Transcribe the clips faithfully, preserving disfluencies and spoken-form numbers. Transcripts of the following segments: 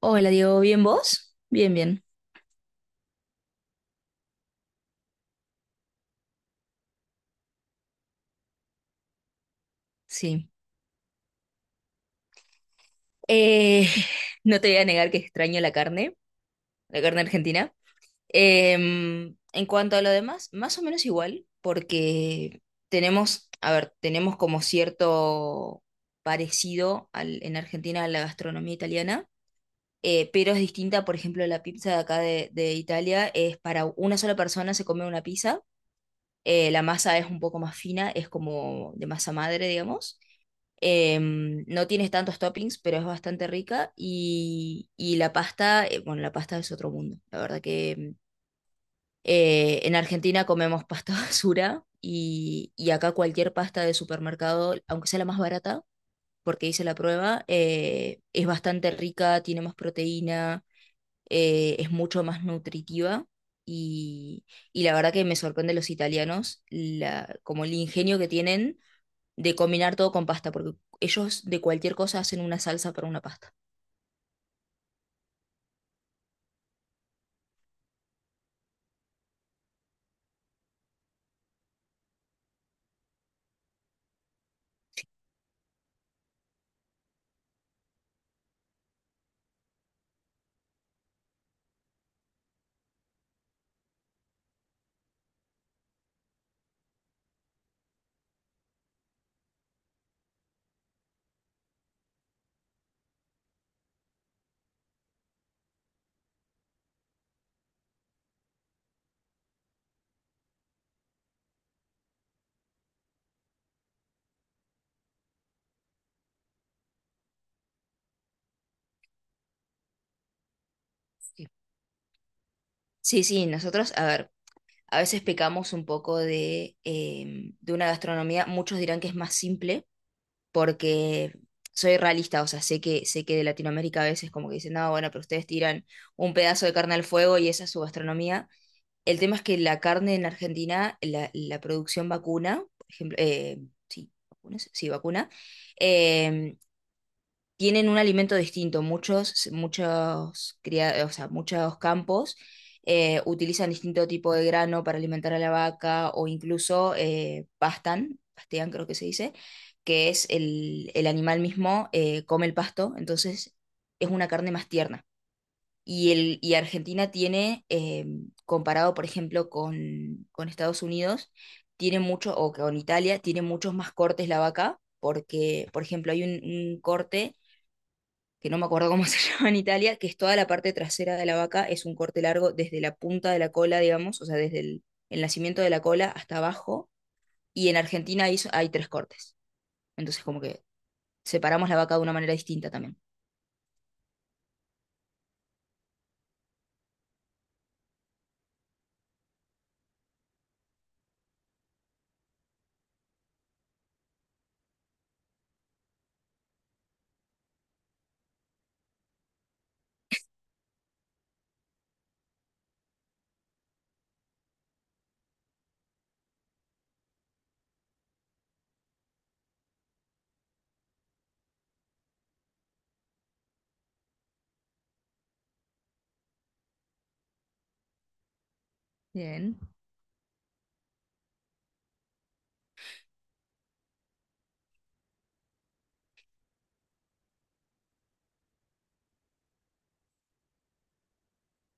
Hola, Diego, ¿bien vos? Bien, bien, sí. Eh, no te voy a negar que extraño la carne, la carne argentina. Em, en cuanto a lo demás, más o menos igual, porque tenemos, a ver, tenemos como cierto parecido al- en Argentina a la gastronomía italiana, eh, pero es distinta. Por ejemplo, la pizza de acá de, de Italia es para una sola persona, se come una pizza. Eh, la masa es un poco más fina, es como de masa madre, digamos. Em, no tienes tantos toppings, pero es bastante rica. Y, y la pasta, eh, bueno, la pasta es otro mundo. La verdad que em, eh, en Argentina comemos pasta basura, y, y acá cualquier pasta de supermercado, aunque sea la más barata, porque hice la prueba, eh, es bastante rica, tiene más proteína, eh, es mucho más nutritiva. Y, y la verdad que me sorprende los italianos, la, como el ingenio que tienen de combinar todo con pasta, porque ellos de cualquier cosa hacen una salsa para una pasta. Sí. Sí, sí, nosotros, a ver, a veces pecamos un poco de, eh, de una gastronomía, muchos dirán que es más simple, porque soy realista. O sea, sé que, sé que de Latinoamérica a veces como que dicen, no, bueno, pero ustedes tiran un pedazo de carne al fuego y esa es su gastronomía. El tema es que la carne en Argentina, la, la producción vacuna, por ejemplo, eh, sí, vacunas, sí, vacuna, eh, tienen un alimento distinto. Muchos, muchos, cria- o sea, muchos campos eh, utilizan distinto tipo de grano para alimentar a la vaca, o incluso eh, pastan, pastean, creo que se dice, que es el, el animal mismo eh, come el pasto, entonces es una carne más tierna. Y, el, y Argentina tiene, eh, comparado por ejemplo con, con Estados Unidos, tiene mucho, o con Italia, tiene muchos más cortes la vaca, porque por ejemplo hay un un corte que no me acuerdo cómo se llama en Italia, que es toda la parte trasera de la vaca, es un corte largo desde la punta de la cola, digamos, o sea, desde el, el nacimiento de la cola hasta abajo, y en Argentina hay, hay tres cortes. Entonces, como que separamos la vaca de una manera distinta también. Bien.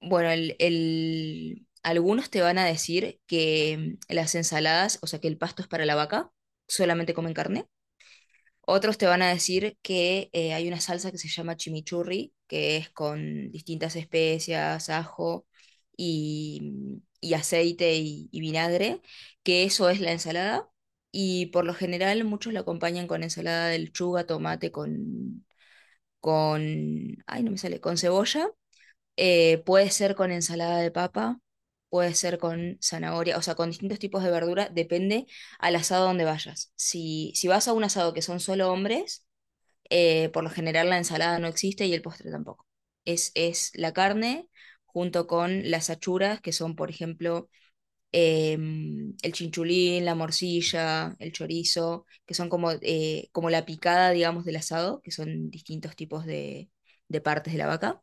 Bueno, el, el- algunos te van a decir que mm, las ensaladas, o sea, que el pasto es para la vaca, solamente comen carne. Otros te van a decir que eh, hay una salsa que se llama chimichurri, que es con distintas especias, ajo y, y aceite y, y vinagre, que eso es la ensalada. Y por lo general muchos la acompañan con ensalada de lechuga, tomate, con, con, ay, no me sale, con cebolla. Eh, puede ser con ensalada de papa, puede ser con zanahoria, o sea, con distintos tipos de verdura, depende al asado donde vayas. Si, si vas a un asado que son solo hombres, eh, por lo general la ensalada no existe y el postre tampoco. Es, es la carne junto con las achuras, que son, por ejemplo, em, el chinchulín, la morcilla, el chorizo, que son como, eh, como la picada, digamos, del asado, que son distintos tipos de, de partes de la vaca.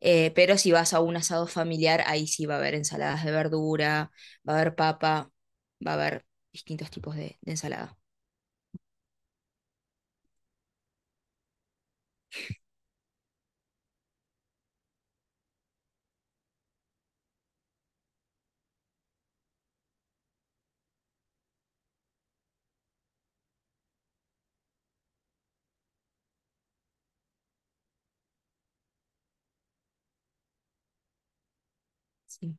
Eh, pero si vas a un asado familiar, ahí sí va a haber ensaladas de verdura, va a haber papa, va a haber distintos tipos de, de ensalada. Sí.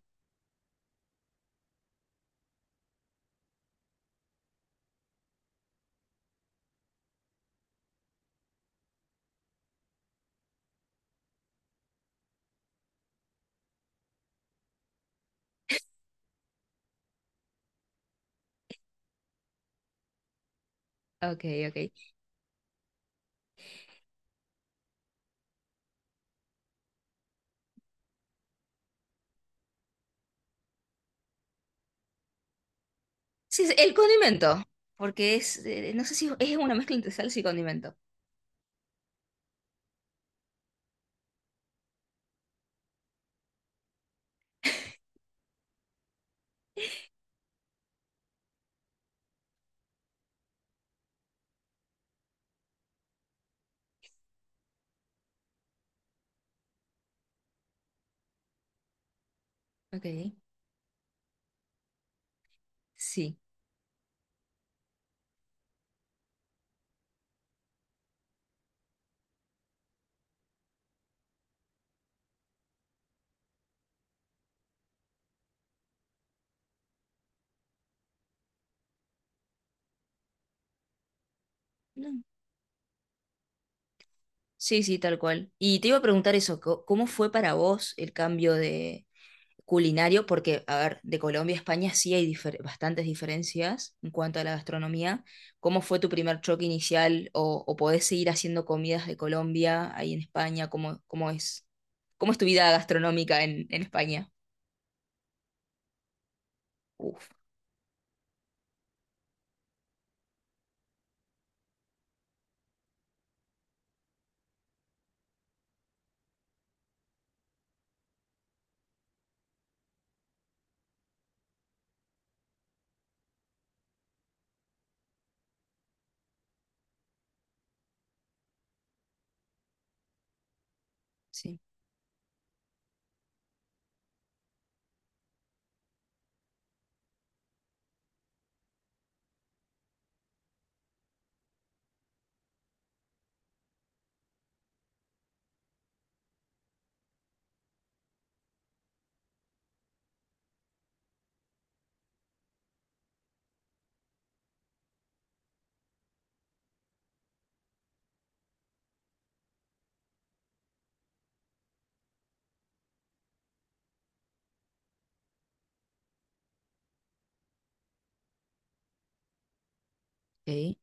Ok, ok. Sí, sí, el condimento, porque es, eh, no sé si es una mezcla entre salsa y condimento. Ok, sí. No. Sí, sí, tal cual. Y te iba a preguntar eso, co- ¿cómo fue para vos el cambio de culinario? Porque, a ver, de Colombia a España sí hay difer- bastantes diferencias en cuanto a la gastronomía. ¿Cómo fue tu primer choque inicial? ¿O, o podés seguir haciendo comidas de Colombia ahí en España? ¿Cómo, ¿cómo es, cómo es tu vida gastronómica en, en España? Uf, sí. Ok,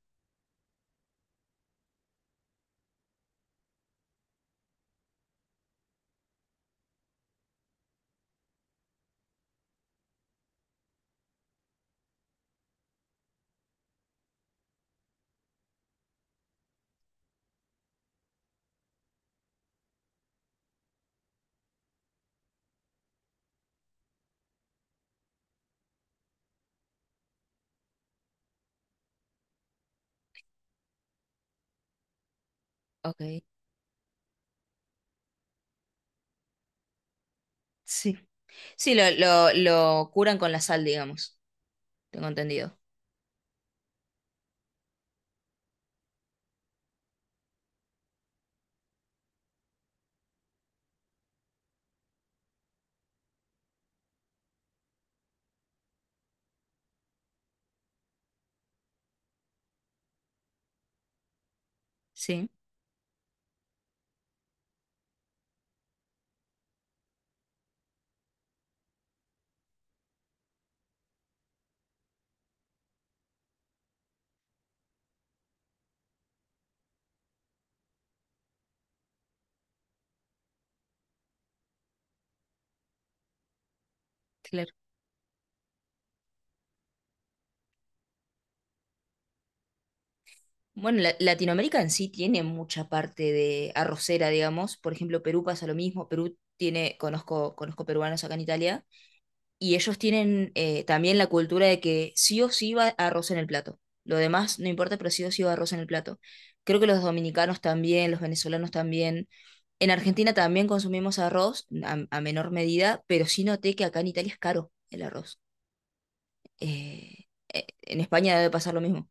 ok. Sí. Sí, lo, lo, lo curan con la sal, digamos. Tengo entendido. Sí, claro. Bueno, la- Latinoamérica en sí tiene mucha parte de arrocera, digamos. Por ejemplo, Perú pasa lo mismo. Perú tiene, conozco, conozco peruanos acá en Italia, y ellos tienen eh, también la cultura de que sí o sí va arroz en el plato. Lo demás no importa, pero sí o sí va arroz en el plato. Creo que los dominicanos también, los venezolanos también. En Argentina también consumimos arroz a a menor medida, pero sí noté que acá en Italia es caro el arroz. Eh, eh, en España debe pasar lo mismo.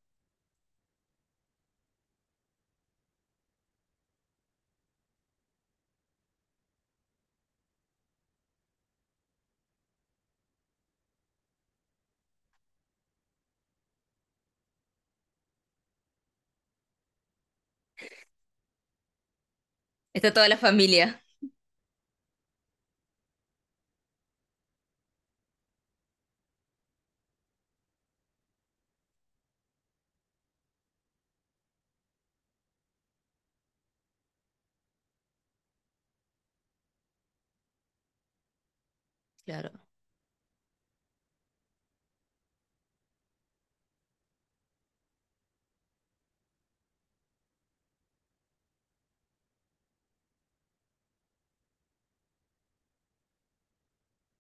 Está toda la familia. Claro.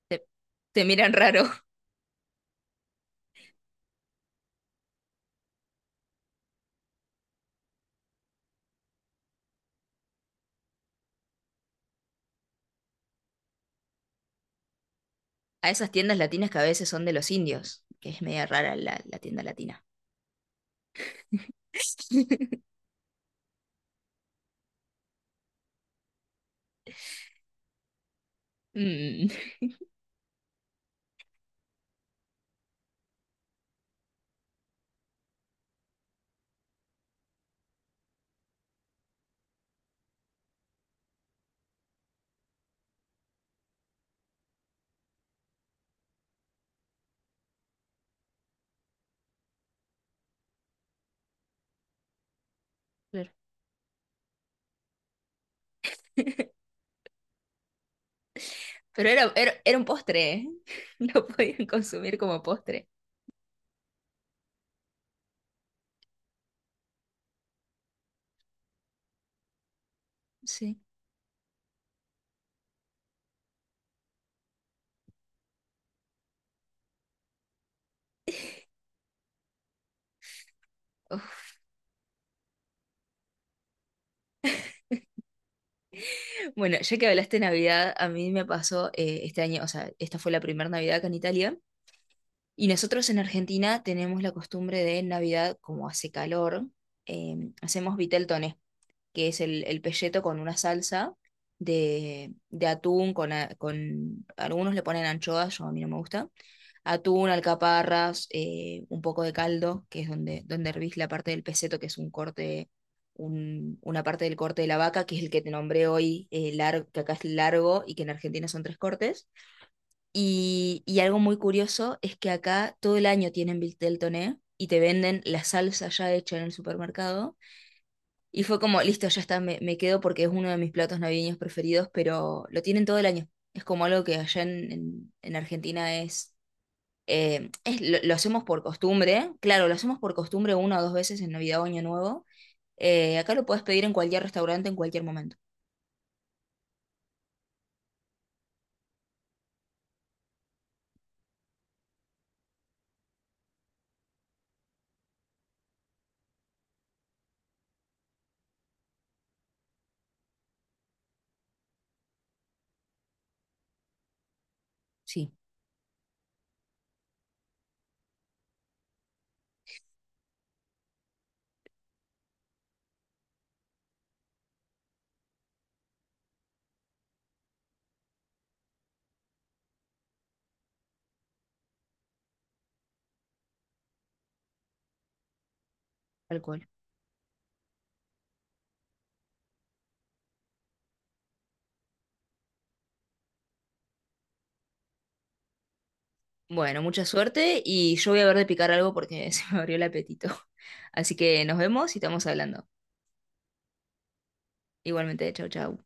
Te, te miran raro. A esas tiendas latinas que a veces son de los indios, que es media rara la, la tienda latina. Mm, claro. Pero era, era, era un postre, ¿eh? Lo podían consumir como postre. Sí. Uf. Bueno, ya que hablaste de Navidad, a mí me pasó eh, este año, o sea, esta fue la primera Navidad acá en Italia. Y nosotros en Argentina tenemos la costumbre de en Navidad, como hace calor, eh, hacemos vitel toné, que es el, el pelleto con una salsa de, de atún, con, a- con algunos le ponen anchoas, yo a mí no me gusta, atún, alcaparras, eh, un poco de caldo, que es donde, donde hervís la parte del peseto, que es un corte, un- una parte del corte de la vaca, que es el que te nombré hoy, largo, que acá es largo y que en Argentina son tres cortes. Y, y algo muy curioso es que acá todo el año tienen Vitel Toné y te venden la salsa ya hecha en el supermercado, y fue como, listo, ya está, me, me quedo porque es uno de mis platos navideños preferidos, pero lo tienen todo el año. Es como algo que allá en, en- en Argentina es, eh, es lo, lo hacemos por costumbre, claro, lo hacemos por costumbre una o dos veces en Navidad o Año Nuevo. Eh, acá lo puedes pedir en cualquier restaurante en cualquier momento. Sí, tal cual. Bueno, mucha suerte y yo voy a ver de picar algo porque se me abrió el apetito. Así que nos vemos y estamos hablando. Igualmente, chau, chau.